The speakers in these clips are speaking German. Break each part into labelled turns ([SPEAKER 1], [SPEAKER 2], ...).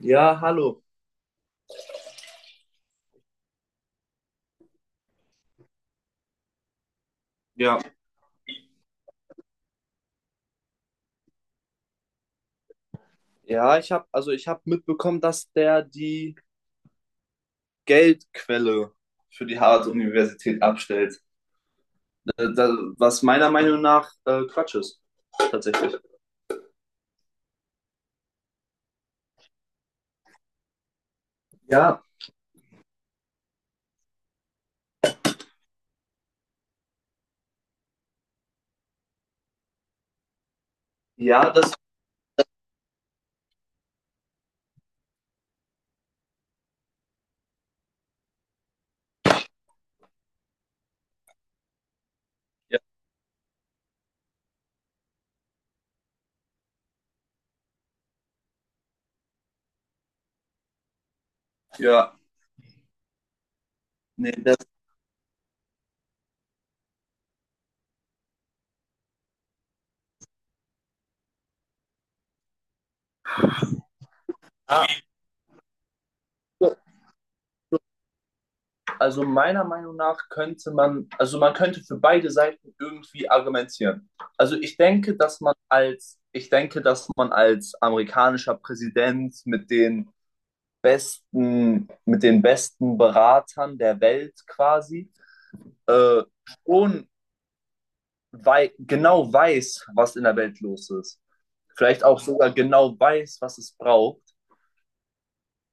[SPEAKER 1] Ja, hallo. Ja, Ja, ich habe mitbekommen, dass der die Geldquelle für die Harvard-Universität abstellt. Äh, da- Was meiner Meinung nach Quatsch ist, tatsächlich. Ja, ja, das, ja, ja, nee, ah, also meiner Meinung nach also man könnte für beide Seiten irgendwie argumentieren. Ich denke, dass man als amerikanischer Präsident mit mit den besten Beratern der Welt quasi, äh, schon wei genau weiß, was in der Welt los ist. Vielleicht auch sogar genau weiß, was es braucht.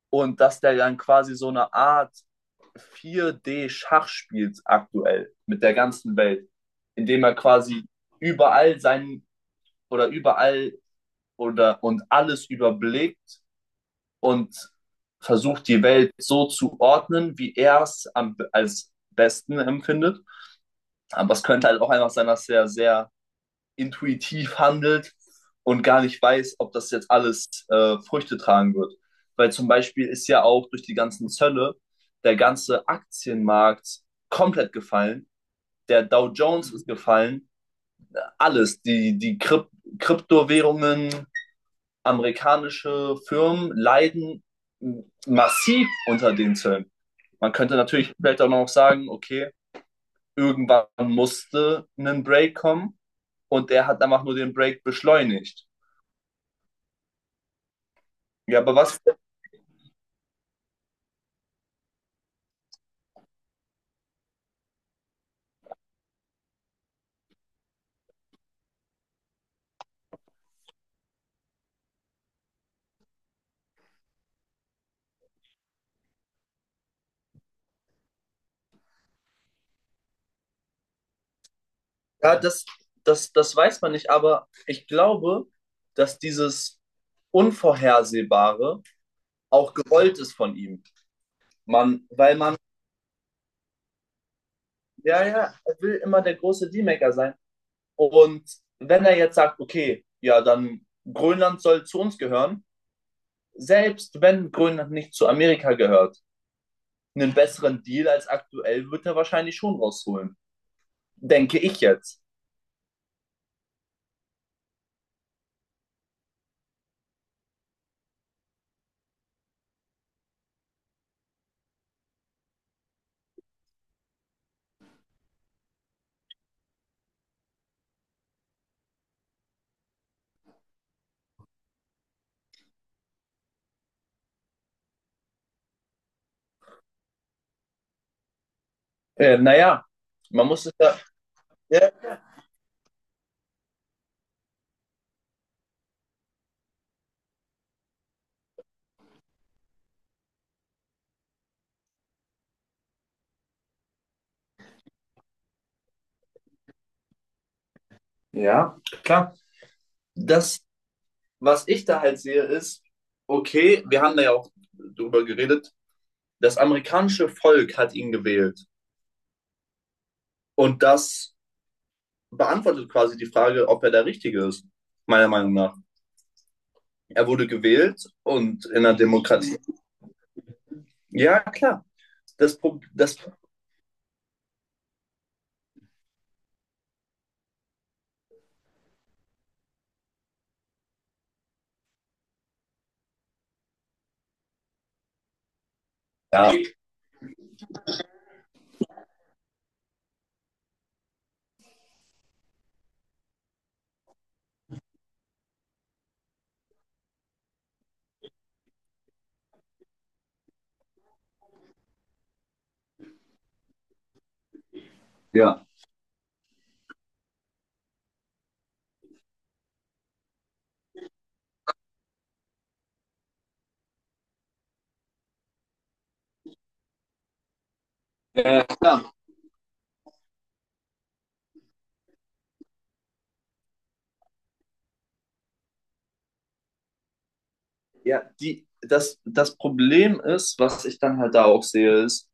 [SPEAKER 1] Und dass der dann quasi so eine Art 4D-Schach spielt aktuell mit der ganzen Welt, indem er quasi überall sein überall oder und alles überblickt und versucht die Welt so zu ordnen, wie er es als besten empfindet. Aber es könnte halt auch einfach sein, dass er sehr intuitiv handelt und gar nicht weiß, ob das jetzt alles Früchte tragen wird. Weil zum Beispiel ist ja auch durch die ganzen Zölle der ganze Aktienmarkt komplett gefallen. Der Dow Jones ist gefallen. Alles, die Kryptowährungen, amerikanische Firmen leiden massiv unter den Zöllen. Man könnte natürlich vielleicht auch noch sagen, okay, irgendwann musste ein Break kommen und er hat einfach nur den Break beschleunigt. Ja, aber was, ja, das, das, das weiß man nicht, aber ich glaube, dass dieses Unvorhersehbare auch gewollt ist von ihm. Man, weil man, ja, ja, er will immer der große D-Maker sein. Und wenn er jetzt sagt, okay, ja, dann Grönland soll zu uns gehören, selbst wenn Grönland nicht zu Amerika gehört, einen besseren Deal als aktuell wird er wahrscheinlich schon rausholen. Denke ich jetzt. Naja, man muss es ja, ja. Ja, klar. Das, was ich da halt sehe, ist, okay, wir haben da ja auch drüber geredet, das amerikanische Volk hat ihn gewählt. Und das beantwortet quasi die Frage, ob er der Richtige ist, meiner Meinung nach. Er wurde gewählt und in einer Demokratie. Ja, klar. Das, Problem, das, ja, ja. Ja, klar. Ja, das Problem ist, was ich dann halt da auch sehe, ist,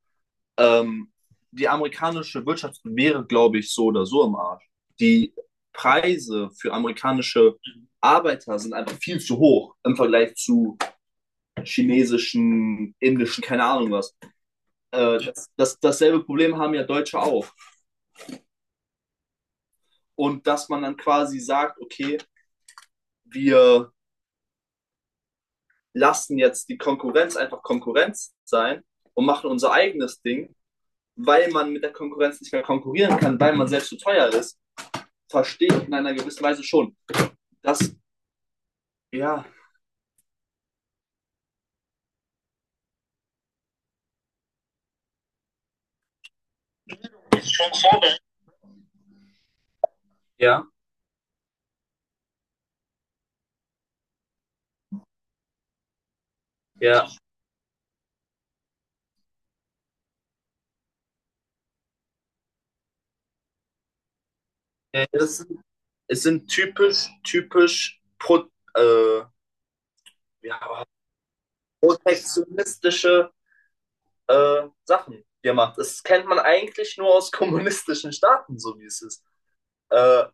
[SPEAKER 1] ähm, die amerikanische Wirtschaft wäre, glaube ich, so oder so im Arsch. Die Preise für amerikanische Arbeiter sind einfach viel zu hoch im Vergleich zu chinesischen, indischen, keine Ahnung was. Dasselbe Problem haben ja Deutsche auch. Und dass man dann quasi sagt, okay, wir lassen jetzt die Konkurrenz einfach Konkurrenz sein und machen unser eigenes Ding, weil man mit der Konkurrenz nicht mehr konkurrieren kann, weil man selbst zu teuer ist, verstehe ich in einer gewissen Weise schon. Das, ja. Ja, ja. Das es sind typisch äh, ja, protektionistische Sachen, die er macht. Das kennt man eigentlich nur aus kommunistischen Staaten, so wie es ist. Äh,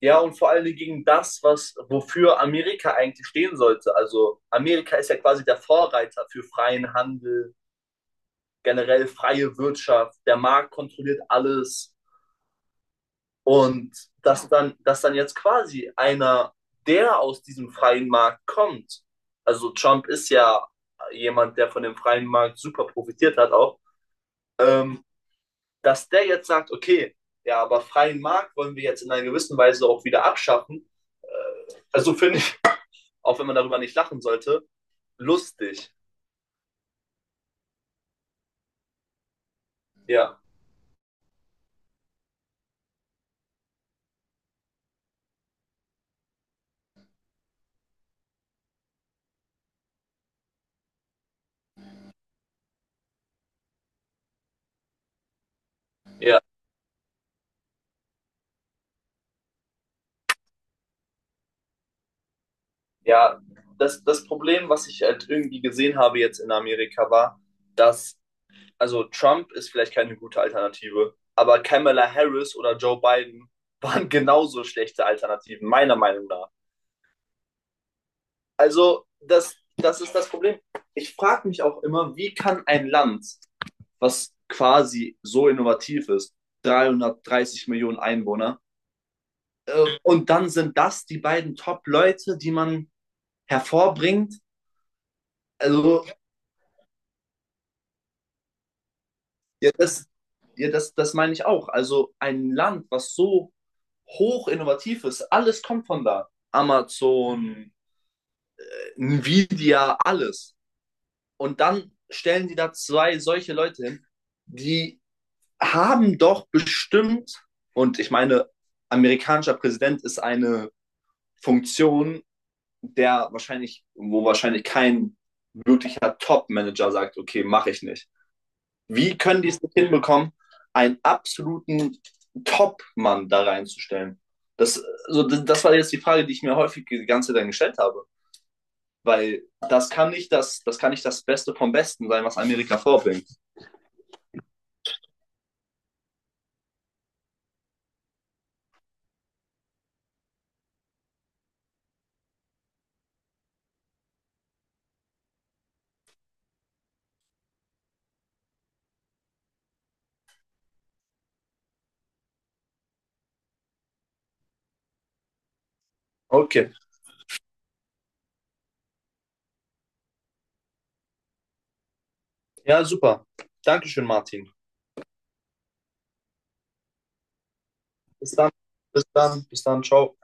[SPEAKER 1] Ja, und vor allen Dingen gegen das, was, wofür Amerika eigentlich stehen sollte. Also Amerika ist ja quasi der Vorreiter für freien Handel, generell freie Wirtschaft, der Markt kontrolliert alles. Und dass dann jetzt quasi einer, der aus diesem freien Markt kommt, also Trump ist ja jemand, der von dem freien Markt super profitiert hat auch, ähm, dass der jetzt sagt, okay, ja, aber freien Markt wollen wir jetzt in einer gewissen Weise auch wieder abschaffen. Also finde ich, auch wenn man darüber nicht lachen sollte, lustig. Ja, ja, ja. Das, das Problem, was ich halt irgendwie gesehen habe jetzt in Amerika, war, dass, also Trump ist vielleicht keine gute Alternative, aber Kamala Harris oder Joe Biden waren genauso schlechte Alternativen, meiner Meinung nach. Also, das, das ist das Problem. Ich frage mich auch immer, wie kann ein Land, was quasi so innovativ ist, 330 Millionen Einwohner, und dann sind das die beiden Top-Leute, die man hervorbringt. Also, ja, das, ja, das meine ich auch. Also, ein Land, was so hoch innovativ ist, alles kommt von da. Amazon, Nvidia, alles. Und dann stellen die da zwei solche Leute hin, die haben doch bestimmt, und ich meine, amerikanischer Präsident ist eine Funktion, wo wahrscheinlich kein wirklicher Top-Manager sagt, okay, mache ich nicht. Wie können die es nicht hinbekommen, einen absoluten Top-Mann da reinzustellen? Das, das war jetzt die Frage, die ich mir häufig die ganze Zeit dann gestellt habe. Weil das kann nicht das kann nicht das Beste vom Besten sein, was Amerika vorbringt. Okay. Ja, super. Dankeschön, Martin. Bis dann. Bis dann. Bis dann. Ciao.